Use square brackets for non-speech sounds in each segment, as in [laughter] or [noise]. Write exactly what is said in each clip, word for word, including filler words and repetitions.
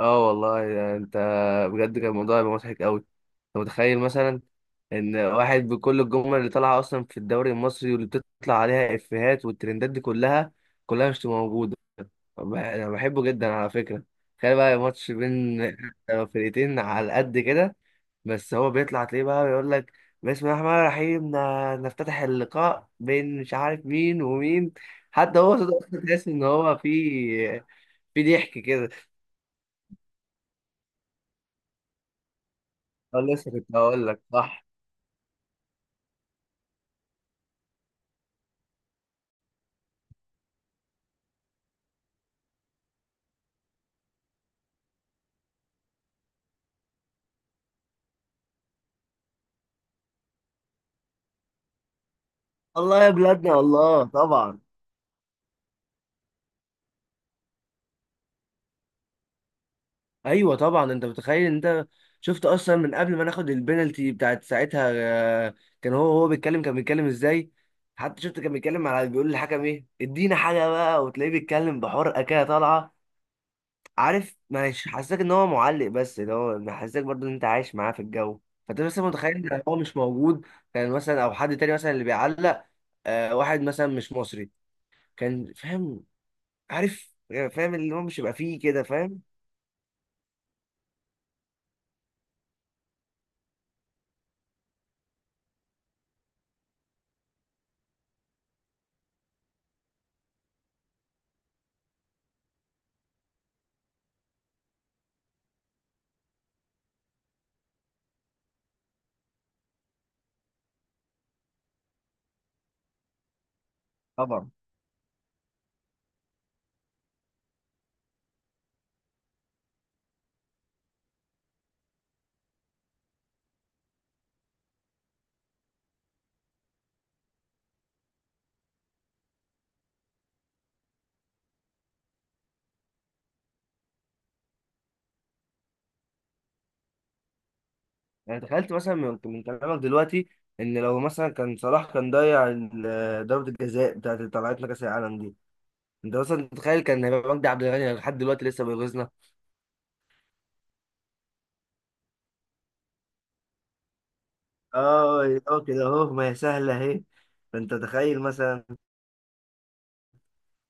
اه والله. يعني انت بجد كان الموضوع هيبقى مضحك قوي. انت متخيل مثلا ان واحد بكل الجمل اللي طالعه اصلا في الدوري المصري واللي بتطلع عليها افيهات والترندات دي كلها كلها مش تبقى موجوده. ب- انا بحبه جدا على فكره. تخيل بقى ماتش بين [laughs] فرقتين على قد كده، بس هو بيطلع تلاقيه بقى بيقول لك بسم الله الرحمن الرحيم، ن- نفتتح اللقاء بين مش عارف مين ومين. حتى هو صوته أصلاً تحس ان هو في في ضحك كده. أه لسه كنت هقول لك صح. الله يا بلادنا، الله طبعا. ايوه طبعا. انت متخيل؟ انت شفت اصلا من قبل ما ناخد البنالتي بتاعت ساعتها، آه، كان هو هو بيتكلم، كان بيتكلم ازاي. حتى شفت كان بيتكلم، على بيقول للحكم ايه ادينا حاجه بقى، وتلاقيه بيتكلم بحرقه كده طالعه. عارف، مش حاسسك ان هو معلق، بس اللي هو محسسك برضه ان انت عايش معاه في الجو. فانت بس متخيل ان هو مش موجود، كان مثلا او حد تاني مثلا اللي بيعلق، آه، واحد مثلا مش مصري، كان فاهم، عارف يعني، فاهم اللي هو مش يبقى فيه كده، فاهم؟ طبعا. يعني تخيلت مثلا، من من كلامك دلوقتي، ان لو مثلا كان صلاح كان ضيع ال- ضربة الجزاء بتاعت اللي طلعتنا كاس العالم دي، انت مثلا تخيل كان هيبقى مجدي عبد الغني لحد دلوقتي لسه بيغيظنا. اه اه، كده اهو، ما هي سهلة اهي. فانت تخيل مثلا.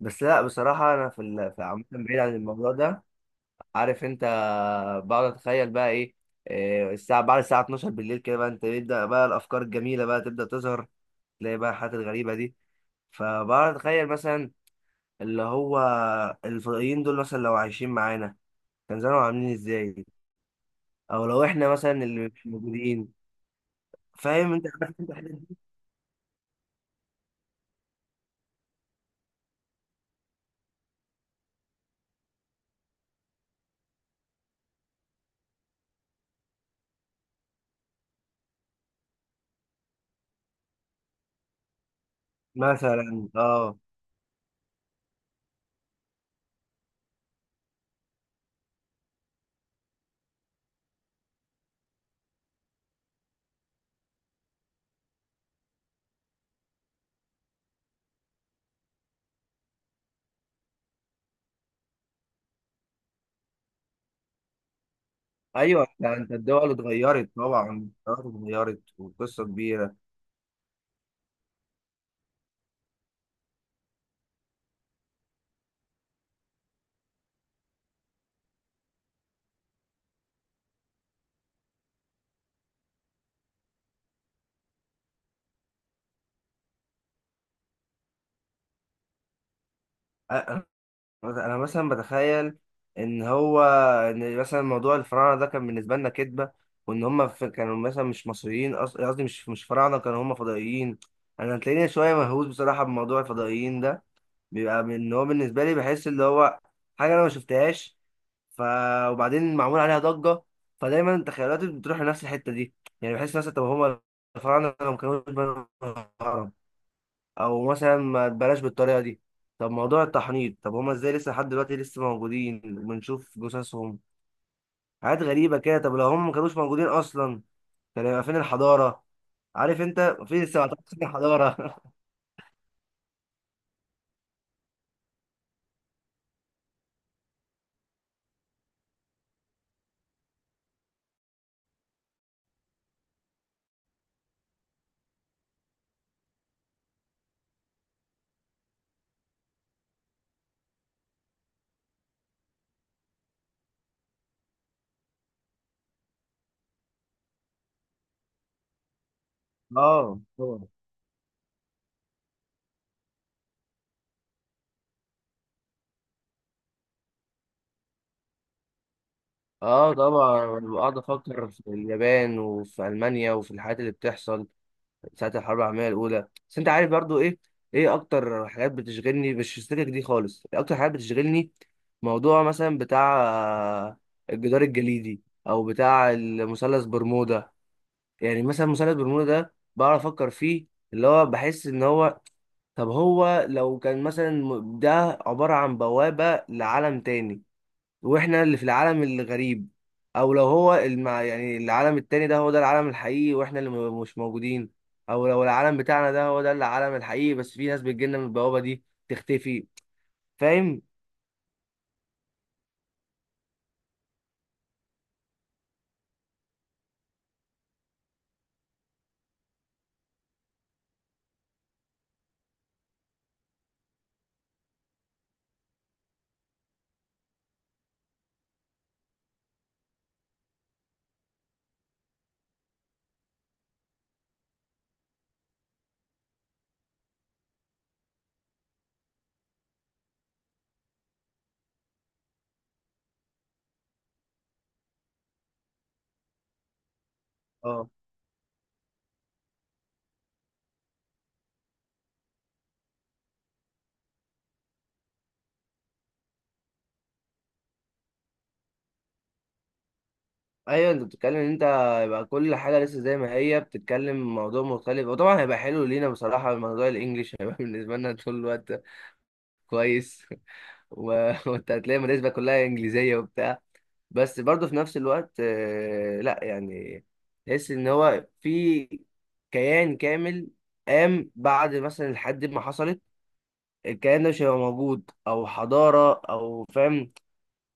بس لا، بصراحة انا في ال- في عامة بعيد عن الموضوع ده، عارف انت؟ بقعد اتخيل بقى ايه، إيه الساعة بعد الساعة اتناشر بالليل كده بقى، انت يبدأ بقى الافكار الجميلة بقى تبدأ تظهر، تلاقي بقى الحاجات الغريبة دي. فبقعد اتخيل مثلا اللي هو الفضائيين دول مثلا لو عايشين معانا، كان زمانهم عاملين ازاي، او لو احنا مثلا اللي مش موجودين. فاهم انت؟ [laughs] عارف انت الحاجات دي؟ مثلا اه. ايوه انت أنت الدول اتغيرت، طبعا الدول اتغيرت وقصه كبيره. أ- أ- انا مثلا بتخيل ان هو ان مثلا موضوع الفراعنه ده كان بالنسبه لنا كذبه، وان هم في كانوا مثلا مش مصريين، أص- قصدي مش مش فراعنه، كانوا هم فضائيين. انا هتلاقيني شويه مهووس بصراحه بموضوع الفضائيين ده. بيبقى ان هو بالنسبه لي بحس اللي هو حاجه انا ما شفتهاش، ف وبعدين معمول عليها ضجه، فدايما تخيلاتي بتروح لنفس الحته دي. يعني بحس مثلا طب هما الفراعنه لو ما كانوش بنوا الهرم، او مثلا ما بلاش بالطريقه دي، طب موضوع التحنيط، طب هما ازاي لسه لحد دلوقتي لسه موجودين وبنشوف جثثهم. حاجات غريبه كده. طب لو هما ما كانوش موجودين اصلا، كان هيبقى فين الحضاره؟ عارف انت؟ فين لسه ما حضاره. [laughs] اه طبعا. اه طبعا بقعد افكر في اليابان وفي المانيا وفي الحاجات اللي بتحصل ساعه الحرب العالميه الاولى. بس انت عارف برضو ايه، ايه اكتر حاجات بتشغلني مش في السكك دي خالص، إيه اكتر حاجات بتشغلني، موضوع مثلا بتاع آه، الجدار الجليدي، او بتاع المثلث برمودا. يعني مثلا مثلث برمودا ده بعرف افكر فيه، اللي هو بحس ان هو طب هو لو كان مثلا م- ده عباره عن بوابه لعالم تاني، واحنا اللي في العالم الغريب، او لو هو المع... يعني العالم التاني ده هو ده العالم الحقيقي واحنا اللي م- مش موجودين، او لو العالم بتاعنا ده هو ده العالم الحقيقي بس في ناس بتجيلنا من البوابة دي تختفي. فاهم؟ اه ايوه. انت بتتكلم ان انت يبقى كل حاجة لسه زي ما هي، بتتكلم موضوع مختلف، وطبعا هيبقى حلو لينا بصراحة، الموضوع الانجليش هيبقى [laughs] بالنسبة لنا طول الوقت كويس، و- [laughs] وانت هتلاقي المدارس بقى كلها انجليزيه وبتاع. بس برضه في نفس الوقت، آه، لا يعني، تحس ان هو في كيان كامل قام بعد مثلا الحد ما حصلت، الكيان ده مش هيبقى موجود، او حضاره، او فاهم،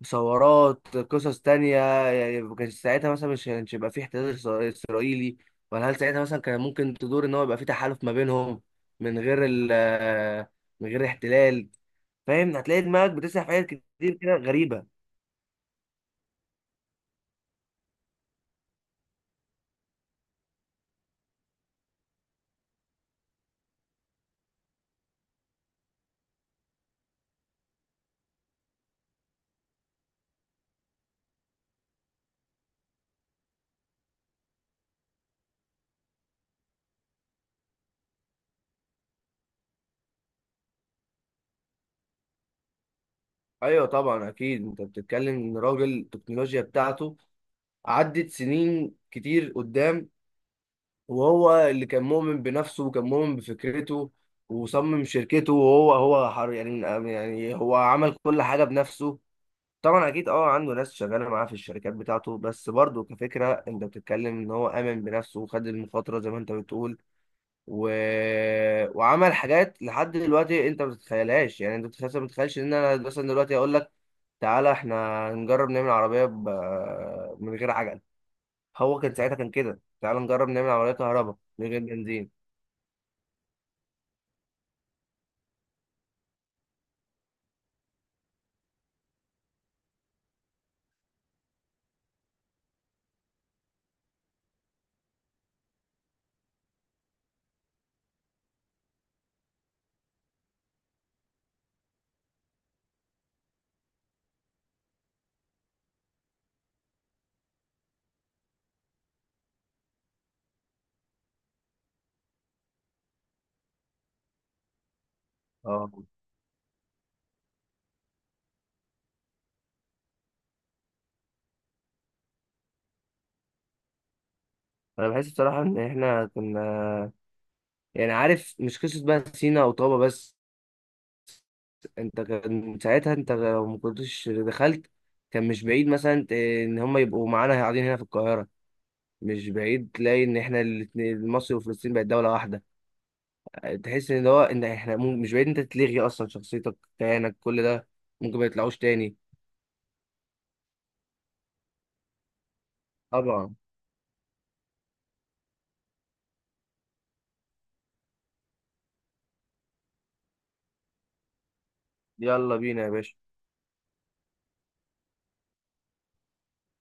مصورات قصص تانية. يعني ما كانش ساعتها مثلا، مش كانش يبقى في احتلال إسرا- اسرائيلي، ولا هل ساعتها مثلا كان ممكن تدور ان هو يبقى في تحالف ما بينهم، من غير ال آه، من غير احتلال. فاهم؟ هتلاقي دماغك بتسرح في حاجات كتير كده غريبه. ايوه طبعا اكيد. انت بتتكلم ان راجل التكنولوجيا بتاعته عدت سنين كتير قدام، وهو اللي كان مؤمن بنفسه وكان مؤمن بفكرته وصمم شركته، وهو هو حر يعني. يعني هو عمل كل حاجه بنفسه. طبعا اكيد اه عنده ناس شغاله معاه في الشركات بتاعته، بس برضه كفكره انت بتتكلم ان هو امن بنفسه وخد المخاطره زي ما انت بتقول، و... وعمل حاجات لحد دلوقتي انت ما تتخيلهاش. يعني انت بتخيل ما تتخيلش ان انا مثلا دلوقتي اقول لك تعالى احنا نجرب نعمل عربيه ب... من غير عجل. هو كان ساعتها كان كده تعالى نجرب نعمل عربيه كهرباء من غير بنزين. اه. انا بحس بصراحه ان احنا كنا، يعني عارف مش قصه بقى سينا او طابه بس، انت كان ساعتها انت لو ما كنتش دخلت، كان مش بعيد مثلا ت- ان هم يبقوا معانا قاعدين هنا في القاهره، مش بعيد تلاقي ان احنا الاتنين- مصر وفلسطين بقت دوله واحده. تحس ان هو ان احنا مو- مش بعيد انت تلغي اصلا شخصيتك كيانك كل ده، ممكن ما يطلعوش تاني. طبعا. يلا بينا يا باشا.